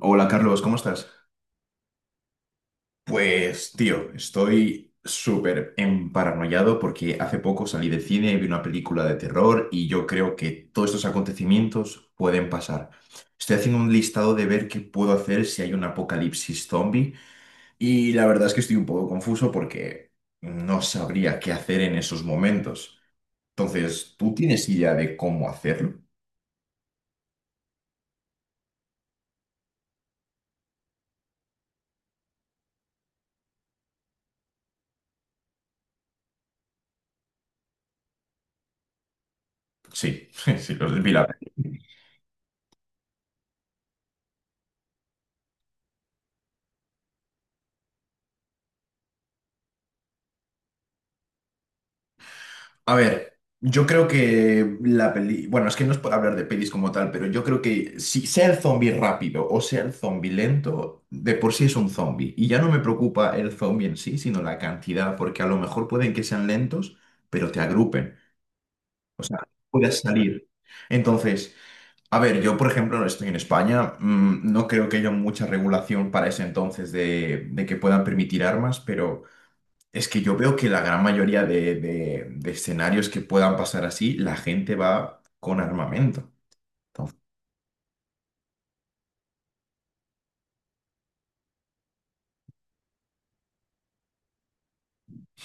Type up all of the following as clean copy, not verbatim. Hola Carlos, ¿cómo estás? Pues tío, estoy súper emparanoiado porque hace poco salí del cine, y vi una película de terror y yo creo que todos estos acontecimientos pueden pasar. Estoy haciendo un listado de ver qué puedo hacer si hay un apocalipsis zombie y la verdad es que estoy un poco confuso porque no sabría qué hacer en esos momentos. Entonces, ¿tú tienes idea de cómo hacerlo? Sí, sí, los vi la. A ver, yo creo que la peli, bueno, es que no es por hablar de pelis como tal, pero yo creo que si sea el zombie rápido o sea el zombie lento, de por sí es un zombie. Y ya no me preocupa el zombie en sí, sino la cantidad, porque a lo mejor pueden que sean lentos, pero te agrupen. O sea, puedas salir. Entonces, a ver, yo por ejemplo estoy en España, mm, no creo que haya mucha regulación para ese entonces de que puedan permitir armas, pero. Es que yo veo que la gran mayoría de escenarios que puedan pasar así, la gente va con armamento. Entonces,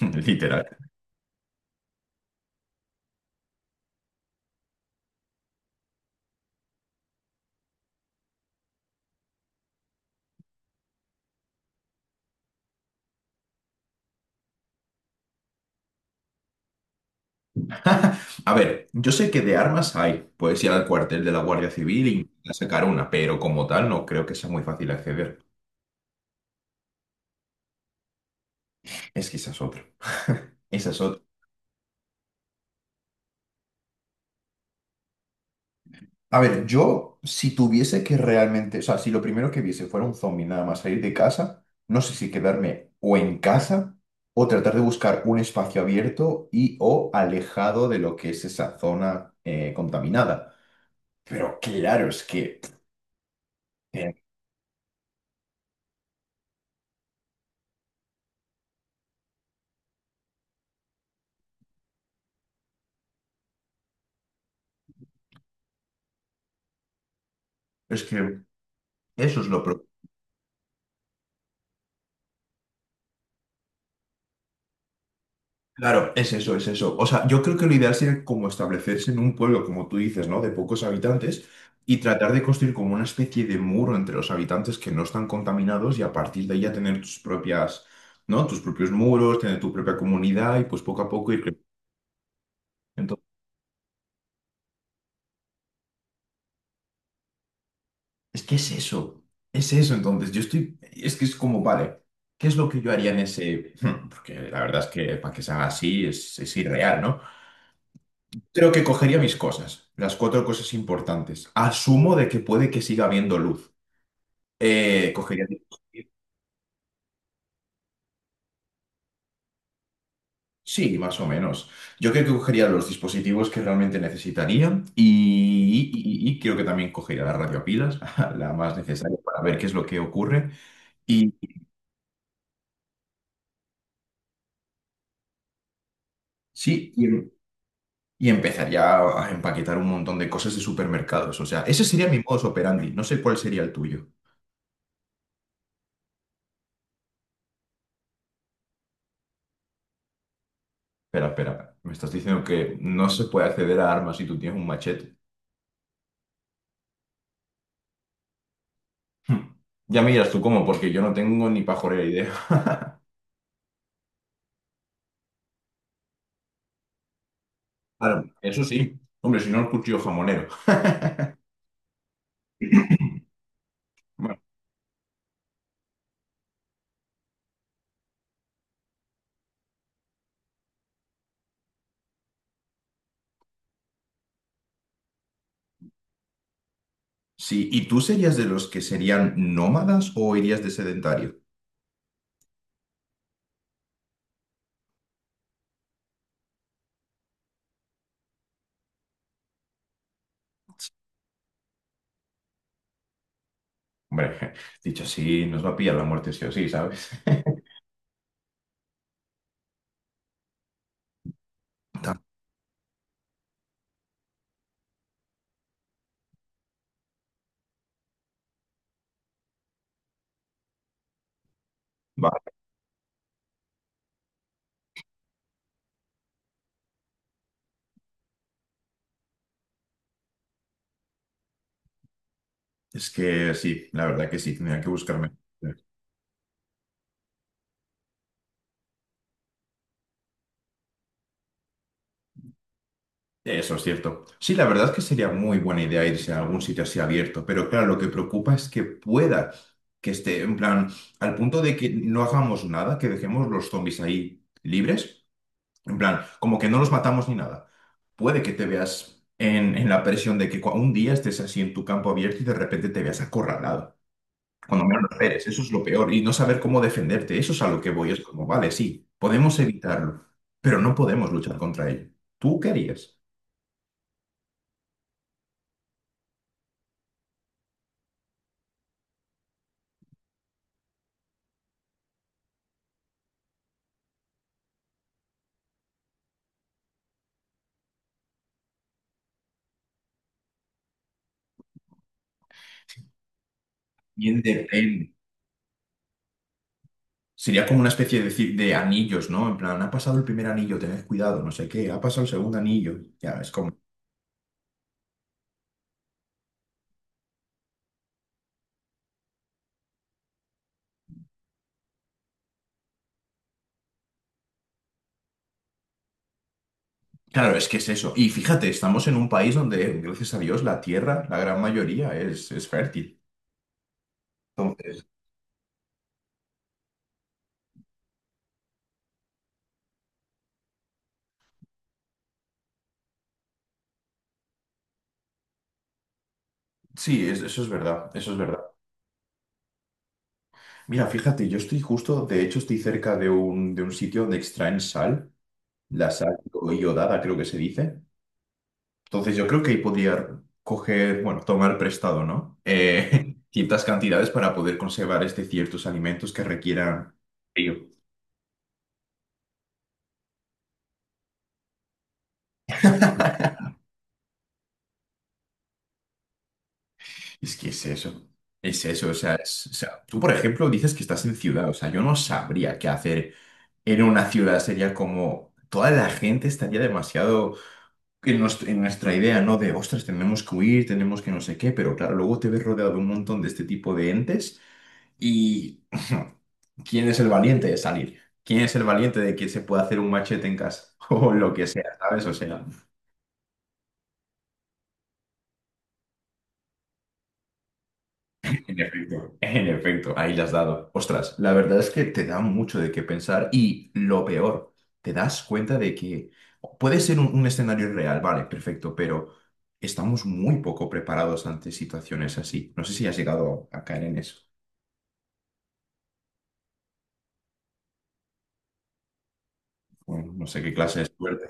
literal. A ver, yo sé que de armas hay. Puedes ir al cuartel de la Guardia Civil e intentar sacar una, pero como tal no creo que sea muy fácil acceder. Es que esa es otra. Esa es otra. A ver, yo, si tuviese que realmente, o sea, si lo primero que viese fuera un zombie nada más salir de casa, no sé si quedarme o en casa o tratar de buscar un espacio abierto y o alejado de lo que es esa zona contaminada. Pero claro, eh, es que eso es lo preocupante. Claro, es eso, es eso. O sea, yo creo que lo ideal sería como establecerse en un pueblo, como tú dices, ¿no? De pocos habitantes y tratar de construir como una especie de muro entre los habitantes que no están contaminados y a partir de ahí ya tener tus propias, ¿no? Tus propios muros, tener tu propia comunidad y pues poco a poco ir. Entonces, es que es eso, es eso. Entonces, yo estoy, es que es como, vale, ¿qué es lo que yo haría en ese? Porque la verdad es que para que se haga así es irreal, ¿no? Creo que cogería mis cosas, las cuatro cosas importantes. Asumo de que puede que siga habiendo luz. Cogería. Sí, más o menos. Yo creo que cogería los dispositivos que realmente necesitaría y creo que también cogería la radio pilas, la más necesaria para ver qué es lo que ocurre. Y sí, y empezaría a empaquetar un montón de cosas de supermercados. O sea, ese sería mi modus operandi. No sé cuál sería el tuyo. Espera, espera. Me estás diciendo que no se puede acceder a armas si tú tienes un machete. Hmm. Ya me dirás tú cómo, porque yo no tengo ni pajolera idea. Claro, eso sí. Hombre, si no el cuchillo jamonero. Bueno, sí. ¿Y tú serías de los que serían nómadas o irías de sedentario? Hombre, dicho así, nos va a pillar la muerte sí o sí, ¿sabes? Ta- Va. Es que sí, la verdad que sí, tendría que buscarme. Eso es cierto. Sí, la verdad es que sería muy buena idea irse a algún sitio así abierto, pero claro, lo que preocupa es que pueda, que esté en plan, al punto de que no hagamos nada, que dejemos los zombies ahí libres, en plan, como que no los matamos ni nada. Puede que te veas en la presión de que un día estés así en tu campo abierto y de repente te veas acorralado, cuando menos lo esperes, eso es lo peor, y no saber cómo defenderte, eso es a lo que voy, es como, vale, sí, podemos evitarlo, pero no podemos luchar contra ello. ¿Tú qué harías? Bien depende. Sería como una especie de anillos, ¿no? En plan, ha pasado el primer anillo, tened cuidado, no sé qué, ha pasado el segundo anillo. Ya, es como. Claro, es que es eso. Y fíjate, estamos en un país donde, gracias a Dios, la tierra, la gran mayoría, es fértil. Entonces, sí, eso es verdad, eso es verdad. Mira, fíjate, yo estoy justo, de hecho, estoy cerca de un, sitio donde extraen sal, la sal iodada, creo que se dice. Entonces yo creo que ahí podría coger, bueno, tomar prestado, ¿no? Ciertas cantidades para poder conservar este ciertos alimentos que requieran frío. Es que es eso, o sea, o sea, tú por ejemplo dices que estás en ciudad, o sea, yo no sabría qué hacer en una ciudad, sería como toda la gente estaría demasiado en nuestra idea, ¿no? Ostras, tenemos que huir, tenemos que no sé qué, pero claro, luego te ves rodeado de un montón de este tipo de entes. Y ¿quién es el valiente de salir? ¿Quién es el valiente de que se puede hacer un machete en casa? O lo que sea, ¿sabes? O sea, en efecto, ahí las has dado. Ostras, la verdad es que te da mucho de qué pensar y lo peor, te das cuenta de que puede ser un escenario real, vale, perfecto, pero estamos muy poco preparados ante situaciones así. No sé si has llegado a caer en eso. Bueno, no sé qué clase de suerte.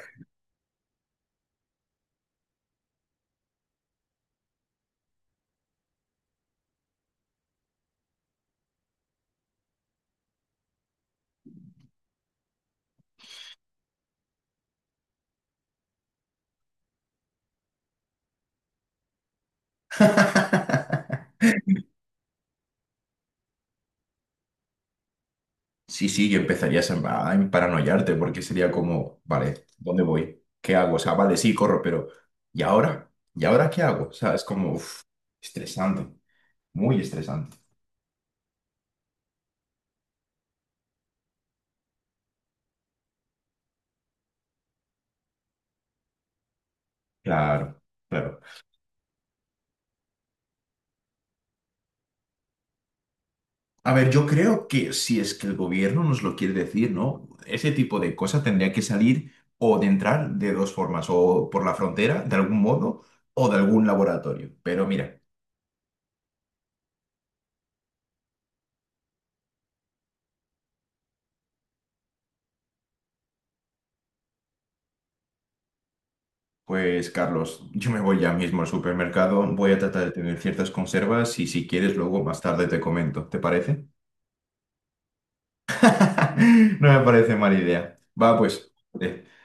Sí, sí, que empezarías a paranoiarte porque sería como, vale, ¿dónde voy? ¿Qué hago? O sea, vale, sí, corro, pero ¿y ahora? ¿Y ahora qué hago? O sea, es como uf, estresante, muy estresante. Claro, claro. A ver, yo creo que si es que el gobierno nos lo quiere decir, ¿no? Ese tipo de cosas tendría que salir o de entrar de dos formas, o por la frontera, de algún modo, o de algún laboratorio. Pero mira. Pues Carlos, yo me voy ya mismo al supermercado, voy a tratar de tener ciertas conservas y si quieres luego más tarde te comento, ¿te parece? No me parece mala idea. Va, pues. eh.